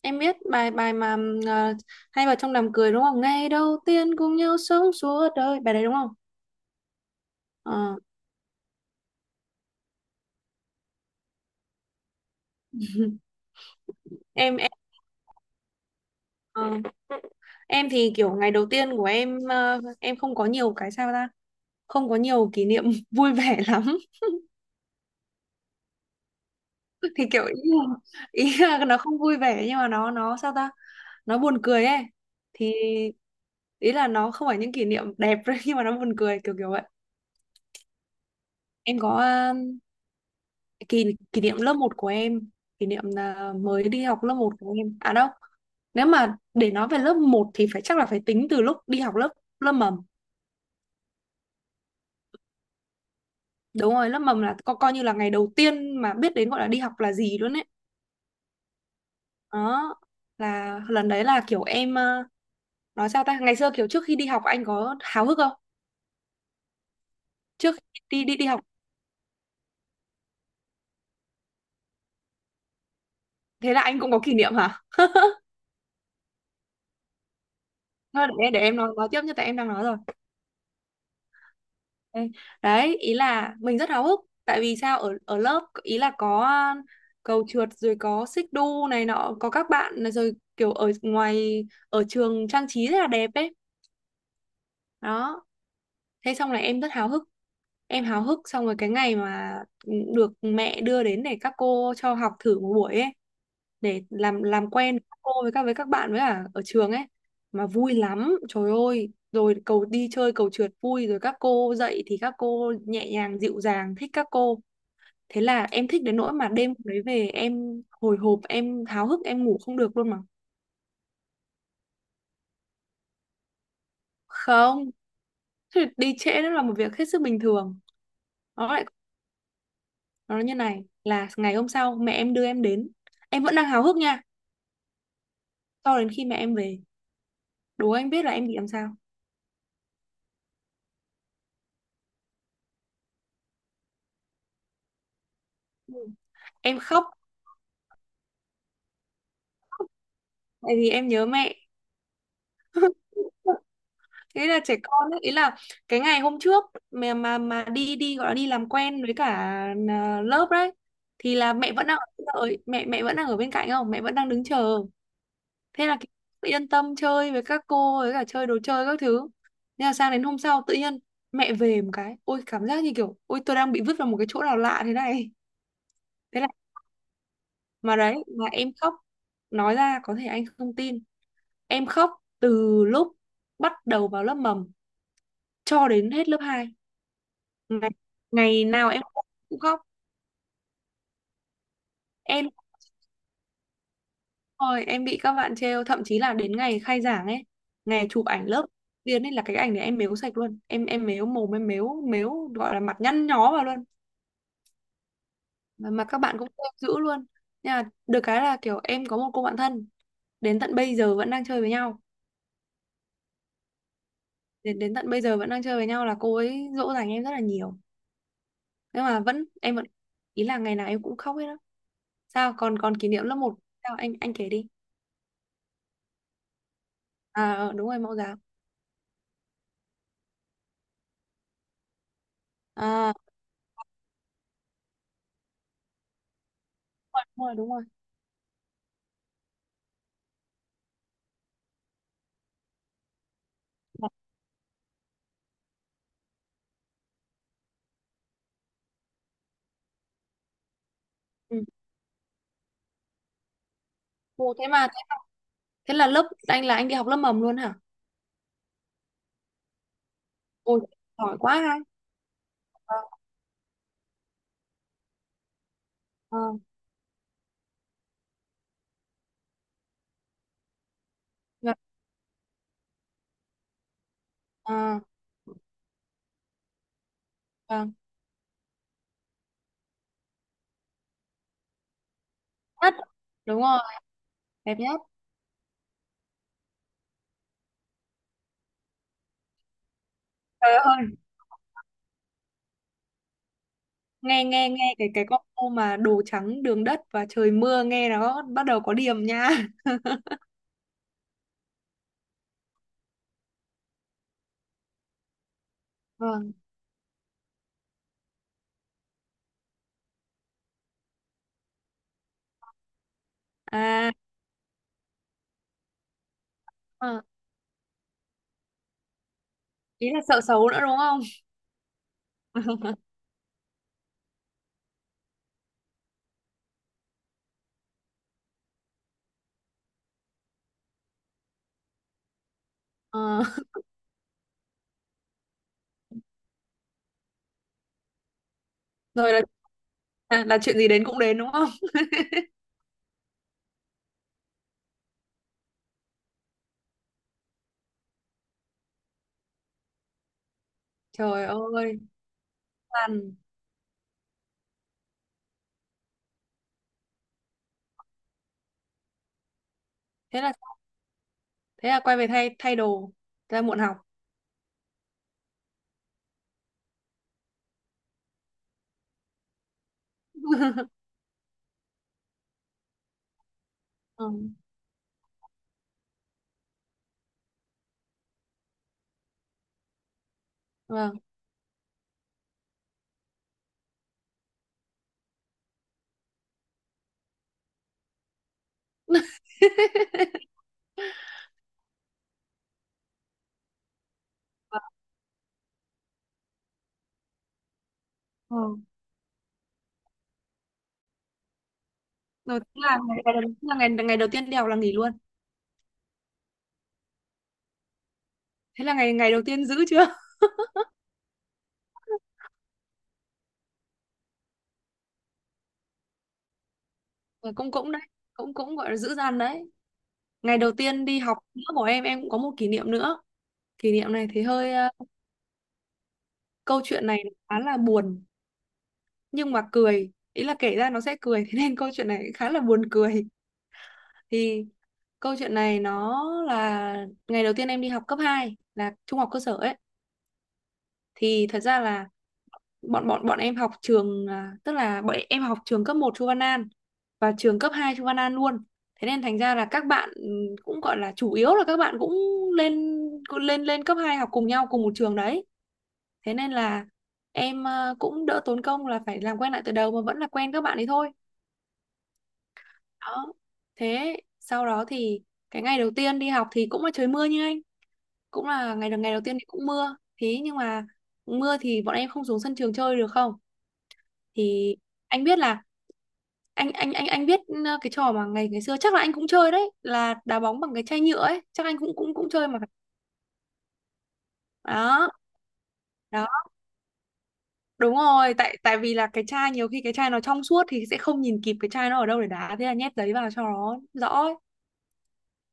Em biết bài bài mà ờ, hay vào trong đám cưới đúng không? Ngày đầu tiên cùng nhau sống suốt đời. Bài đấy đúng không? Ờ. Em em ờ, em thì kiểu ngày đầu tiên của em, em không có nhiều cái sao ta? Không có nhiều kỷ niệm vui vẻ lắm. Thì kiểu ý là nó không vui vẻ nhưng mà nó sao ta? Nó buồn cười ấy. Thì ý là nó không phải những kỷ niệm đẹp nhưng mà nó buồn cười kiểu kiểu vậy. Em có kỷ kỷ niệm lớp một của em, kỷ niệm là mới đi học lớp một của em à đâu, nếu mà để nói về lớp một thì phải, chắc là phải tính từ lúc đi học lớp lớp mầm. Đúng rồi, lớp mầm là coi như là ngày đầu tiên mà biết đến gọi là đi học là gì luôn ấy. Đó là lần đấy là kiểu em, nói sao ta, ngày xưa kiểu trước khi đi học anh có háo hức không, trước khi đi đi đi học? Thế là anh cũng có kỷ niệm hả? Thôi để em nói tiếp như tại em đang nói rồi. Đấy, Đấy, ý là mình rất háo hức, tại vì sao, ở ở lớp ý là có cầu trượt rồi có xích đu này nọ có các bạn, rồi kiểu ở ngoài ở trường trang trí rất là đẹp ấy. Đó, thế xong là em rất háo hức, em háo hức xong rồi cái ngày mà được mẹ đưa đến để các cô cho học thử một buổi ấy, để làm quen với các cô, với các bạn, với cả ở trường ấy. Mà vui lắm trời ơi, rồi cầu đi chơi cầu trượt vui, rồi các cô dạy thì các cô nhẹ nhàng dịu dàng, thích các cô. Thế là em thích đến nỗi mà đêm hôm đấy về em hồi hộp, em háo hức, em ngủ không được luôn mà. Không, thì đi trễ nó là một việc hết sức bình thường. Nó lại, nó nói như này là ngày hôm sau mẹ em đưa em đến, em vẫn đang háo hức nha, cho đến khi mẹ em về. Đố anh biết là em bị làm sao? Ừ. Em khóc, tại vì em nhớ mẹ. Thế là trẻ con ấy, ý là cái ngày hôm trước mà đi đi gọi là đi làm quen với cả, lớp đấy, thì là mẹ vẫn đang ở đợi, mẹ mẹ vẫn đang ở bên cạnh không, mẹ vẫn đang đứng chờ. Thế là tự yên tâm chơi với các cô với cả chơi đồ chơi các thứ. Nên là sang đến hôm sau tự nhiên mẹ về một cái, ôi cảm giác như kiểu ôi tôi đang bị vứt vào một cái chỗ nào lạ thế này. Thế là, mà đấy mà em khóc. Nói ra có thể anh không tin, em khóc từ lúc bắt đầu vào lớp mầm cho đến hết lớp hai. Ngày, ngày nào em cũng khóc. Em rồi em bị các bạn trêu, thậm chí là đến ngày khai giảng ấy, ngày chụp ảnh lớp tiên ấy, là cái ảnh này em mếu sạch luôn. Em mếu mồm, em mếu mếu gọi là mặt nhăn nhó vào luôn. Mà các bạn cũng trêu dữ luôn. Nhưng mà được cái là kiểu em có một cô bạn thân đến tận bây giờ vẫn đang chơi với nhau. Đến đến tận bây giờ vẫn đang chơi với nhau, là cô ấy dỗ dành em rất là nhiều. Nhưng mà vẫn, em vẫn, ý là ngày nào em cũng khóc hết á. Sao còn còn kỷ niệm lớp một, sao anh kể đi. Đúng rồi, mẫu giáo. À, đúng rồi, đúng rồi. Đúng rồi. Ừ. Ồ, thế mà. Thế là lớp anh là anh đi học lớp mầm luôn hả? Ôi, giỏi quá ha. Ờ, vâng, ờ, vâng. Nhất. Đúng rồi, đẹp nhất. Trời ơi, nghe nghe nghe cái combo mà đồ trắng đường đất và trời mưa nghe nó bắt đầu có điểm nha. Vâng. À, ờ, ý là sợ xấu nữa đúng không? Ờ, rồi là, là chuyện gì đến cũng đến đúng không? Trời ơi, lằn. Thế là thế là quay về thay thay đồ, ra muộn học. Ừ, vâng. Vâng. Rồi tức là ngày, ngày, đầu- tức là ngày ngày đầu tiên đi học là nghỉ luôn. Thế là ngày ngày đầu tiên giữ chưa. Ờ, cũng cũng đấy, cũng cũng gọi là giữ gian đấy. Ngày đầu tiên đi học nữa của em cũng có một kỷ niệm nữa. Kỷ niệm này thì hơi, câu chuyện này khá là buồn nhưng mà cười, ý là kể ra nó sẽ cười thế nên câu chuyện này khá là buồn cười. Thì câu chuyện này nó là ngày đầu tiên em đi học cấp hai, là trung học cơ sở ấy. Thì thật ra là bọn bọn bọn em học trường, tức là bọn em học trường cấp một Chu Văn An và trường cấp 2 Chu Văn An luôn. Thế nên thành ra là các bạn, cũng gọi là chủ yếu là các bạn lên cũng lên lên cấp 2 học cùng nhau cùng một trường đấy. Thế nên là em, cũng đỡ tốn công là phải làm quen lại từ đầu mà vẫn là quen các bạn ấy thôi. Đó. Thế sau đó thì cái ngày đầu tiên đi học thì cũng là trời mưa như anh, cũng là ngày ngày đầu tiên thì cũng mưa. Thế nhưng mà mưa thì bọn em không xuống sân trường chơi được không? Thì anh biết là, anh biết, cái trò mà ngày ngày xưa chắc là anh cũng chơi đấy là đá bóng bằng cái chai nhựa ấy, chắc anh cũng cũng cũng chơi mà phải. Đó đó đúng rồi, tại tại vì là cái chai, nhiều khi cái chai nó trong suốt thì sẽ không nhìn kịp cái chai nó ở đâu để đá, thế là nhét giấy vào cho nó rõ ấy.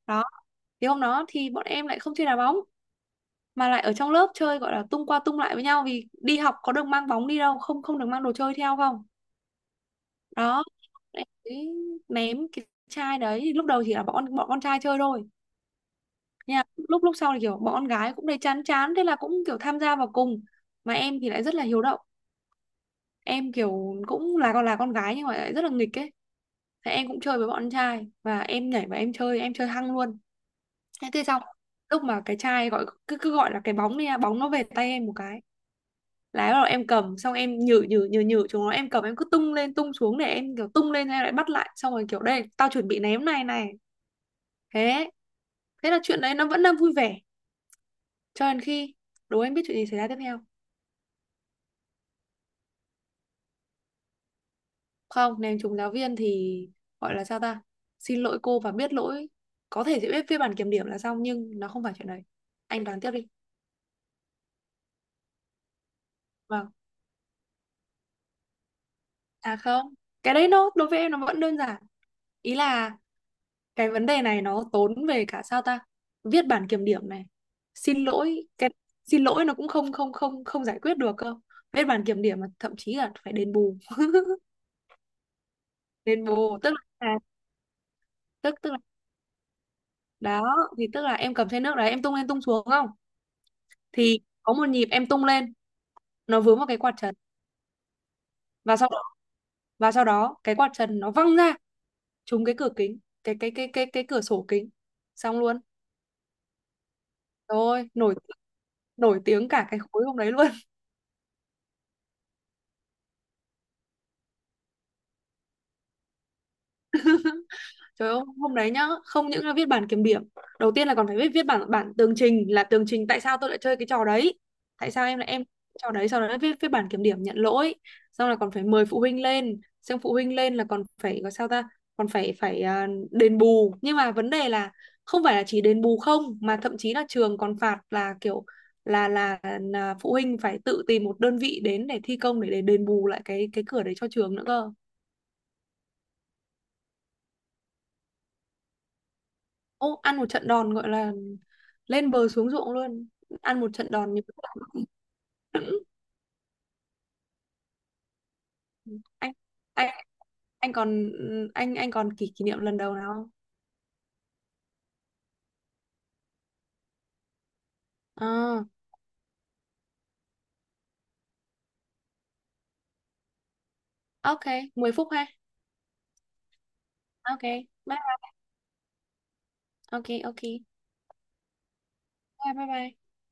Đó, thì hôm đó thì bọn em lại không chơi đá bóng mà lại ở trong lớp chơi, gọi là tung qua tung lại với nhau, vì đi học có được mang bóng đi đâu không, không được mang đồ chơi theo không. Đó, em ấy, ném cái chai đấy lúc đầu chỉ là bọn bọn con trai chơi thôi. Nha, lúc lúc sau thì kiểu bọn con gái cũng thấy chán chán, thế là cũng kiểu tham gia vào cùng. Mà em thì lại rất là hiếu động, em kiểu cũng là con, là con gái nhưng mà lại rất là nghịch ấy. Thế em cũng chơi với bọn trai, và em nhảy và em chơi, em chơi hăng luôn. Thế thế xong lúc mà cái trai gọi, cứ cứ gọi là cái bóng đi nha, bóng nó về tay em một cái, là bắt đầu em cầm, xong em nhử nhử nhử nhử chúng nó, em cầm em cứ tung lên tung xuống, để em kiểu tung lên em lại bắt lại, xong rồi kiểu đây tao chuẩn bị ném này này. Thế thế là chuyện đấy nó vẫn đang vui vẻ, cho đến khi. Đố anh biết chuyện gì xảy ra tiếp theo? Không, ném trúng giáo viên thì gọi là sao ta, xin lỗi cô và biết lỗi, có thể sẽ viết viết bản kiểm điểm là xong, nhưng nó không phải chuyện đấy. Anh đoán tiếp đi. Vâng, không, cái đấy nó đối với em nó vẫn đơn giản, ý là cái vấn đề này nó tốn về cả sao ta, viết bản kiểm điểm này, xin lỗi cái, xin lỗi nó cũng không không không không giải quyết được cơ, viết bản kiểm điểm mà thậm chí là phải đền bù. Đền bù tức là, tức tức là, đó thì tức là em cầm chai nước đấy em tung lên tung xuống không, thì có một nhịp em tung lên, nó vướng vào cái quạt trần, và sau và sau đó cái quạt trần nó văng ra, trúng cái cửa kính, cái cửa sổ kính. Xong luôn. Rồi, nổi nổi tiếng cả cái khối hôm đấy luôn. Trời ơi, hôm đấy nhá, không những là viết bản kiểm điểm, đầu tiên là còn phải viết viết bản bản tường trình là tường trình tại sao tôi lại chơi cái trò đấy. Tại sao em lại em, trò đấy sau đó lại viết viết bản kiểm điểm nhận lỗi, xong là còn phải mời phụ huynh lên, xong phụ huynh lên là còn phải có sao ta, còn phải phải à, đền bù. Nhưng mà vấn đề là không phải là chỉ đền bù không mà thậm chí là trường còn phạt là kiểu là phụ huynh phải tự tìm một đơn vị đến để thi công, để đền bù lại cái cửa đấy cho trường nữa cơ. Ô, ăn một trận đòn gọi là lên bờ xuống ruộng luôn. Ăn một trận đòn như anh anh anh còn anh còn kỷ kỷ niệm lần đầu nào không? À, ok, 10 phút ha. Ok, bye. Ok, ok. Bye bye bye.